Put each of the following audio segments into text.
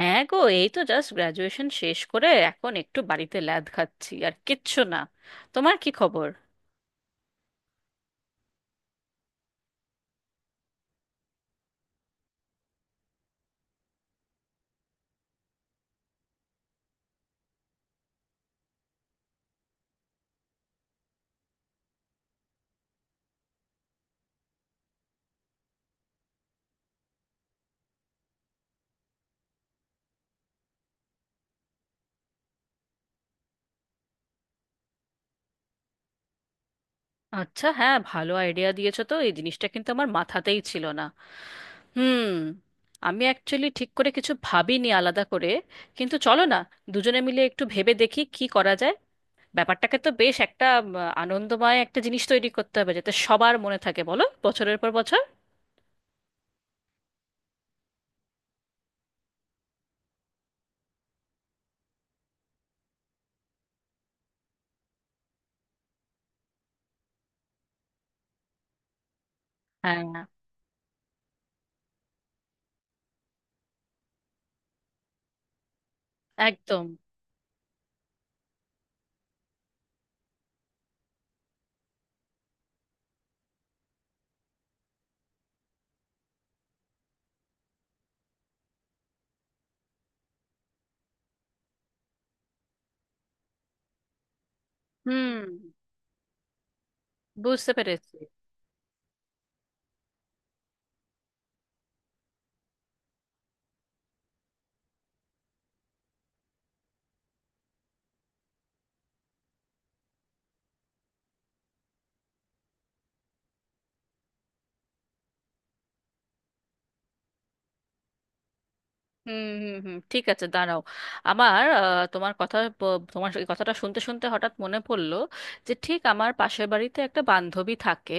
হ্যাঁ গো, এই তো জাস্ট গ্রাজুয়েশন শেষ করে এখন একটু বাড়িতে ল্যাদ খাচ্ছি, আর কিচ্ছু না। তোমার কি খবর? আচ্ছা, হ্যাঁ, ভালো আইডিয়া দিয়েছো তো, এই জিনিসটা কিন্তু আমার মাথাতেই ছিল না। হুম। আমি অ্যাকচুয়ালি ঠিক করে কিছু ভাবিনি আলাদা করে, কিন্তু চলো না দুজনে মিলে একটু ভেবে দেখি কি করা যায়। ব্যাপারটাকে তো বেশ একটা আনন্দময় একটা জিনিস তৈরি করতে হবে, যাতে সবার মনে থাকে, বলো, বছরের পর বছর। হ্যাঁ। একদম। হুম। বুঝতে পেরেছি। হুম, হুম, হুম, ঠিক আছে, দাঁড়াও। আমার তোমার কথা তোমার এই কথাটা শুনতে শুনতে হঠাৎ মনে পড়লো যে ঠিক আমার পাশের বাড়িতে একটা বান্ধবী থাকে।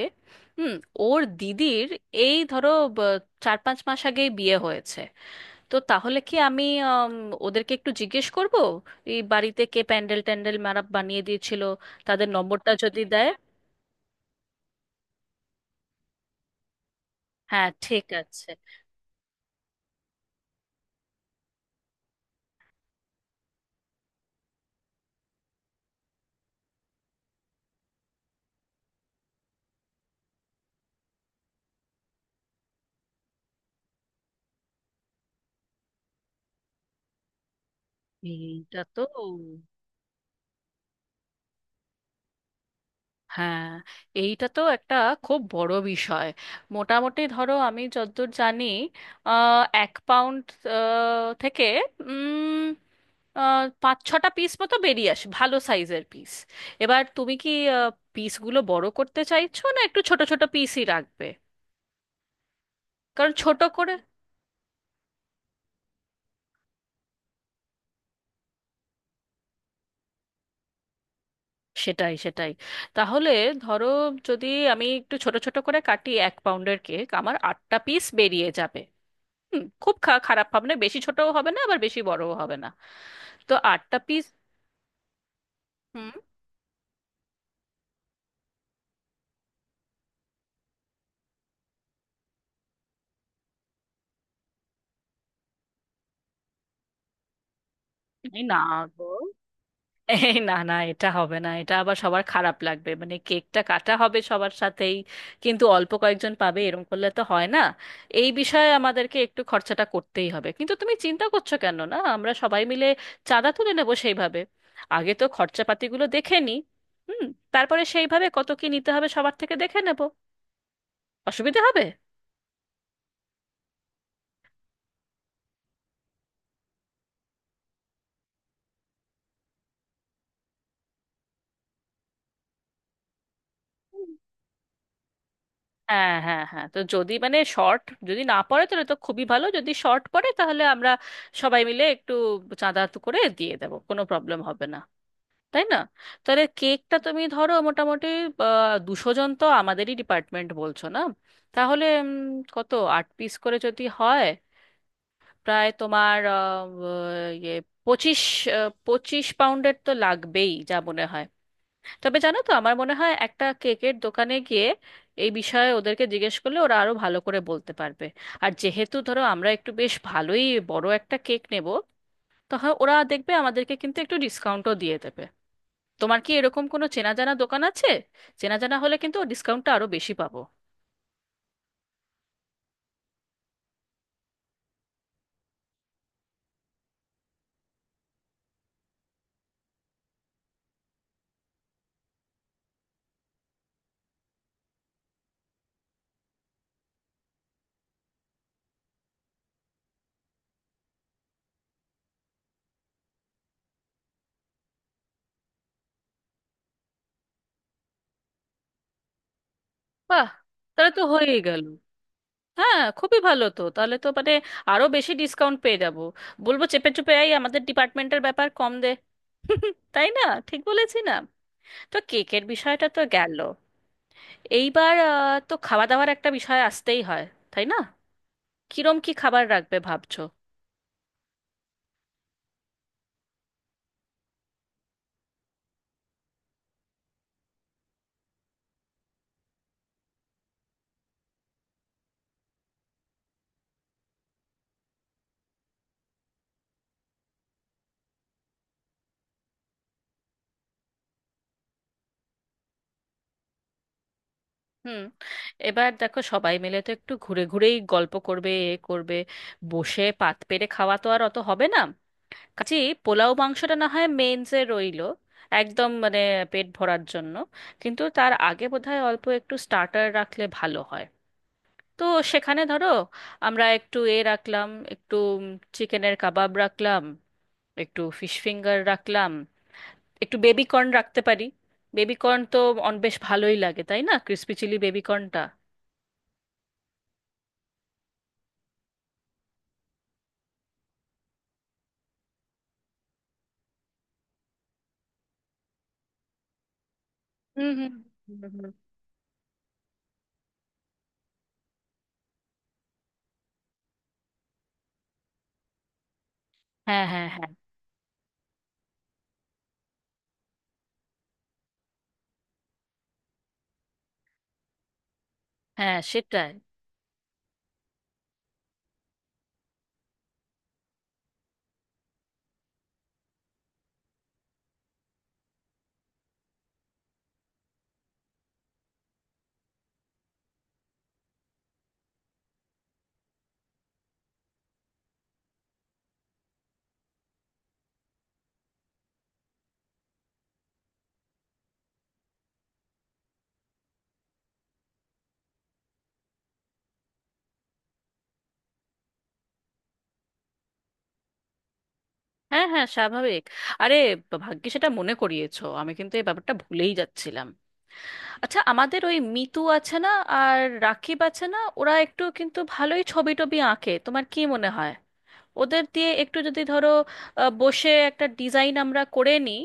হুম। ওর দিদির, এই ধরো, ব- 4-5 মাস আগেই বিয়ে হয়েছে। তো তাহলে কি আমি আম, ওদেরকে একটু জিজ্ঞেস করব এই বাড়িতে কে প্যান্ডেল ট্যান্ডেল মারাপ বানিয়ে দিয়েছিল, তাদের নম্বরটা যদি দেয়। হ্যাঁ, ঠিক আছে। এইটা তো, হ্যাঁ, এইটা তো একটা খুব বড় বিষয়। মোটামুটি ধরো, আমি যতদূর জানি, 1 পাউন্ড থেকে উম, 5-6টা পিস মতো বেরিয়ে আসে, ভালো সাইজের পিস। এবার তুমি কি পিসগুলো বড় করতে চাইছো, না একটু ছোট ছোট পিসই রাখবে? কারণ ছোট করে সেটাই, সেটাই। তাহলে ধরো, যদি আমি একটু ছোট ছোট করে কাটি, 1 পাউন্ডের কেক আমার আটটা পিস বেরিয়ে যাবে। হুম, খুব খারাপ হবে না, বেশি ছোটও হবে না, আবার বেশি বড়ও হবে না। তো আটটা পিস। হুম। এই না গো, এই না না, এটা হবে না, এটা আবার সবার খারাপ লাগবে, মানে কেকটা কাটা হবে সবার সাথেই, কিন্তু অল্প কয়েকজন পাবে এরকম করলে তো হয় না। এই বিষয়ে আমাদেরকে একটু খরচাটা করতেই হবে, কিন্তু তুমি চিন্তা করছো কেন, না আমরা সবাই মিলে চাঁদা তুলে নেবো সেইভাবে। আগে তো খরচাপাতিগুলো দেখে নিই। হুম। তারপরে সেইভাবে কত কি নিতে হবে সবার থেকে দেখে নেবো, অসুবিধা হবে। হ্যাঁ, হ্যাঁ, হ্যাঁ, তো যদি মানে শর্ট যদি না পড়ে তাহলে তো খুবই ভালো, যদি শর্ট পড়ে তাহলে আমরা সবাই মিলে একটু চাঁদা তো করে দিয়ে দেবো, কোনো প্রবলেম হবে না, তাই না? তাহলে কেকটা তুমি ধরো মোটামুটি 200 জন তো আমাদেরই ডিপার্টমেন্ট বলছো না? তাহলে কত, আট পিস করে যদি হয়, প্রায় তোমার ইয়ে, 25, 25 পাউন্ডের তো লাগবেই, যা মনে হয়। তবে জানো তো, আমার মনে হয় একটা কেকের দোকানে গিয়ে এই বিষয়ে ওদেরকে জিজ্ঞেস করলে ওরা আরো ভালো করে বলতে পারবে। আর যেহেতু ধরো আমরা একটু বেশ ভালোই বড় একটা কেক নেব, তখন ওরা দেখবে আমাদেরকে কিন্তু একটু ডিসকাউন্টও দিয়ে দেবে। তোমার কি এরকম কোনো চেনা জানা দোকান আছে? চেনা জানা হলে কিন্তু ডিসকাউন্টটা আরো বেশি পাবো। বাহ! তাহলে তো হয়েই গেল। হ্যাঁ, খুবই ভালো, তো তাহলে তো মানে আরো বেশি ডিসকাউন্ট পেয়ে যাবো। বলবো চেপে চুপে, এই আমাদের ডিপার্টমেন্টের ব্যাপার, কম দে। তাই না? ঠিক বলেছি না? তো কেকের বিষয়টা তো গেল। এইবার তো খাওয়া দাওয়ার একটা বিষয় আসতেই হয়, তাই না? কিরম কি খাবার রাখবে ভাবছো? হুম। এবার দেখো, সবাই মিলে তো একটু ঘুরে ঘুরেই গল্প করবে, এ করবে, বসে পাত পেরে খাওয়া তো আর অত হবে না। কাজেই পোলাও মাংসটা না হয় মেনসে রইলো, একদম মানে পেট ভরার জন্য। কিন্তু তার আগে বোধহয় অল্প একটু স্টার্টার রাখলে ভালো হয়। তো সেখানে ধরো আমরা একটু এ রাখলাম, একটু চিকেনের কাবাব রাখলাম, একটু ফিশ ফিঙ্গার রাখলাম, একটু বেবি কর্ন রাখতে পারি। বেবি কর্ন তো অন বেশ ভালোই লাগে, তাই না, ক্রিসপি চিলি বেবি কর্নটা? হুম, হুম, হুম, হুম, হুম। হ্যাঁ, হ্যাঁ, হ্যাঁ। হ্যাঁ, সেটাই। হ্যাঁ, হ্যাঁ, স্বাভাবিক। আরে, ভাগ্যে সেটা মনে করিয়েছো, আমি কিন্তু এই ব্যাপারটা ভুলেই যাচ্ছিলাম। আচ্ছা, আমাদের ওই মিতু আছে না আর রাকিব আছে না, ওরা একটু কিন্তু ভালোই ছবি টবি আঁকে, তোমার কি মনে হয় ওদের দিয়ে একটু যদি ধরো বসে একটা ডিজাইন আমরা করে নিই,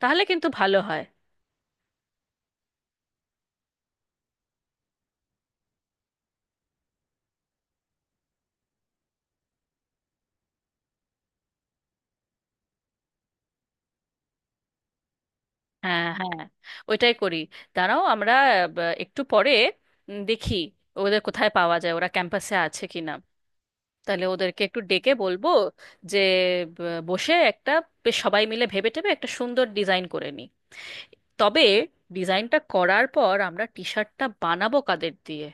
তাহলে কিন্তু ভালো হয়। হ্যাঁ, হ্যাঁ, ওইটাই করি। দাঁড়াও, আমরা একটু পরে দেখি ওদের কোথায় পাওয়া যায়, ওরা ক্যাম্পাসে আছে কিনা, তাহলে ওদেরকে একটু ডেকে বলবো যে বসে একটা বেশ সবাই মিলে ভেবে টেবে একটা সুন্দর ডিজাইন করে নিই। তবে ডিজাইনটা করার পর আমরা টি শার্টটা বানাবো কাদের দিয়ে?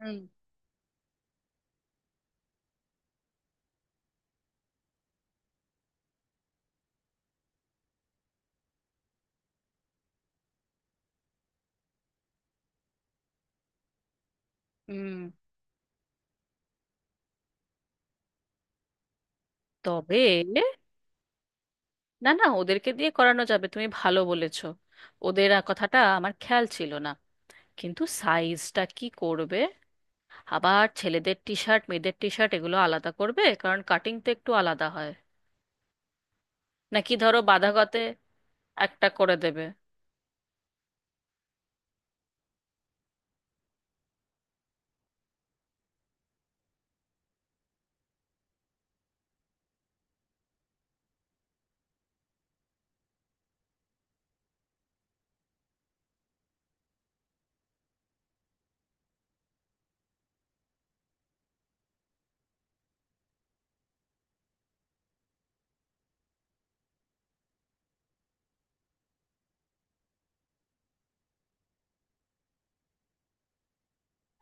হুম, হুম। তবে না, না, ওদেরকে দিয়ে করানো যাবে, তুমি ভালো বলেছো, ওদের কথাটা আমার খেয়াল ছিল না। কিন্তু সাইজটা কি করবে? আবার ছেলেদের টি শার্ট মেয়েদের টি শার্ট এগুলো আলাদা করবে কারণ কাটিং তো একটু আলাদা হয়, নাকি ধরো বাঁধাগতে একটা করে দেবে?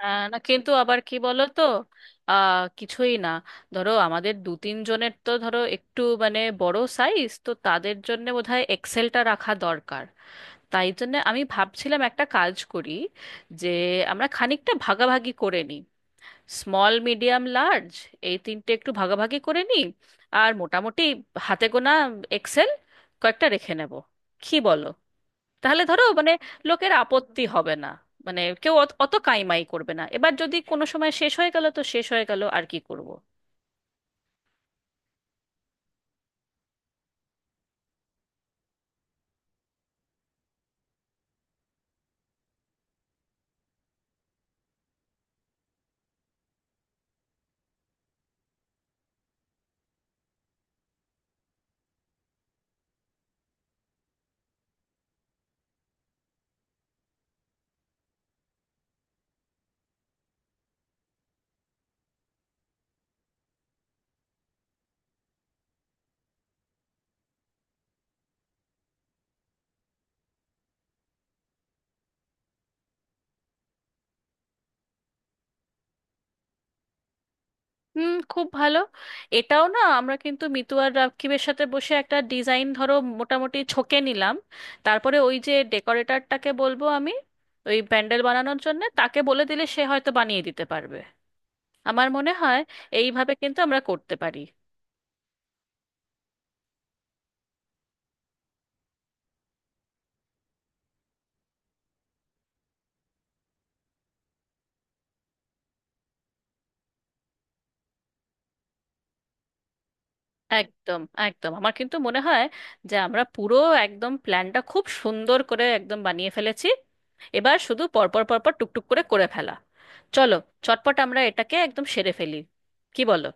হ্যাঁ, না কিন্তু আবার কি বলো তো, আহ, কিছুই না, ধরো আমাদের দু তিন জনের তো ধরো একটু মানে বড় সাইজ, তো তাদের জন্য বোধহয় এক্সেলটা রাখা দরকার। তাই জন্য আমি ভাবছিলাম একটা কাজ করি যে আমরা খানিকটা ভাগাভাগি করে নিই, স্মল মিডিয়াম লার্জ, এই তিনটে একটু ভাগাভাগি করে নিই, আর মোটামুটি হাতে গোনা এক্সেল কয়েকটা রেখে নেব, কি বলো? তাহলে ধরো মানে লোকের আপত্তি হবে না, মানে কেউ অত অত কাইমাই করবে না, এবার যদি কোনো সময় শেষ হয়ে গেল তো শেষ হয়ে গেল, আর কি করব। হুম, খুব ভালো। এটাও না আমরা কিন্তু মিতু আর রাকিবের সাথে বসে একটা ডিজাইন ধরো মোটামুটি ছকে নিলাম, তারপরে ওই যে ডেকোরেটরটাকে বলবো আমি, ওই প্যান্ডেল বানানোর জন্য তাকে বলে দিলে সে হয়তো বানিয়ে দিতে পারবে, আমার মনে হয়। এইভাবে কিন্তু আমরা করতে পারি। একদম, একদম, আমার কিন্তু মনে হয় যে আমরা পুরো একদম প্ল্যানটা খুব সুন্দর করে একদম বানিয়ে ফেলেছি। এবার শুধু পরপর পরপর টুকটুক করে করে ফেলা। চলো, চটপট আমরা এটাকে একদম সেরে ফেলি, কি বলো?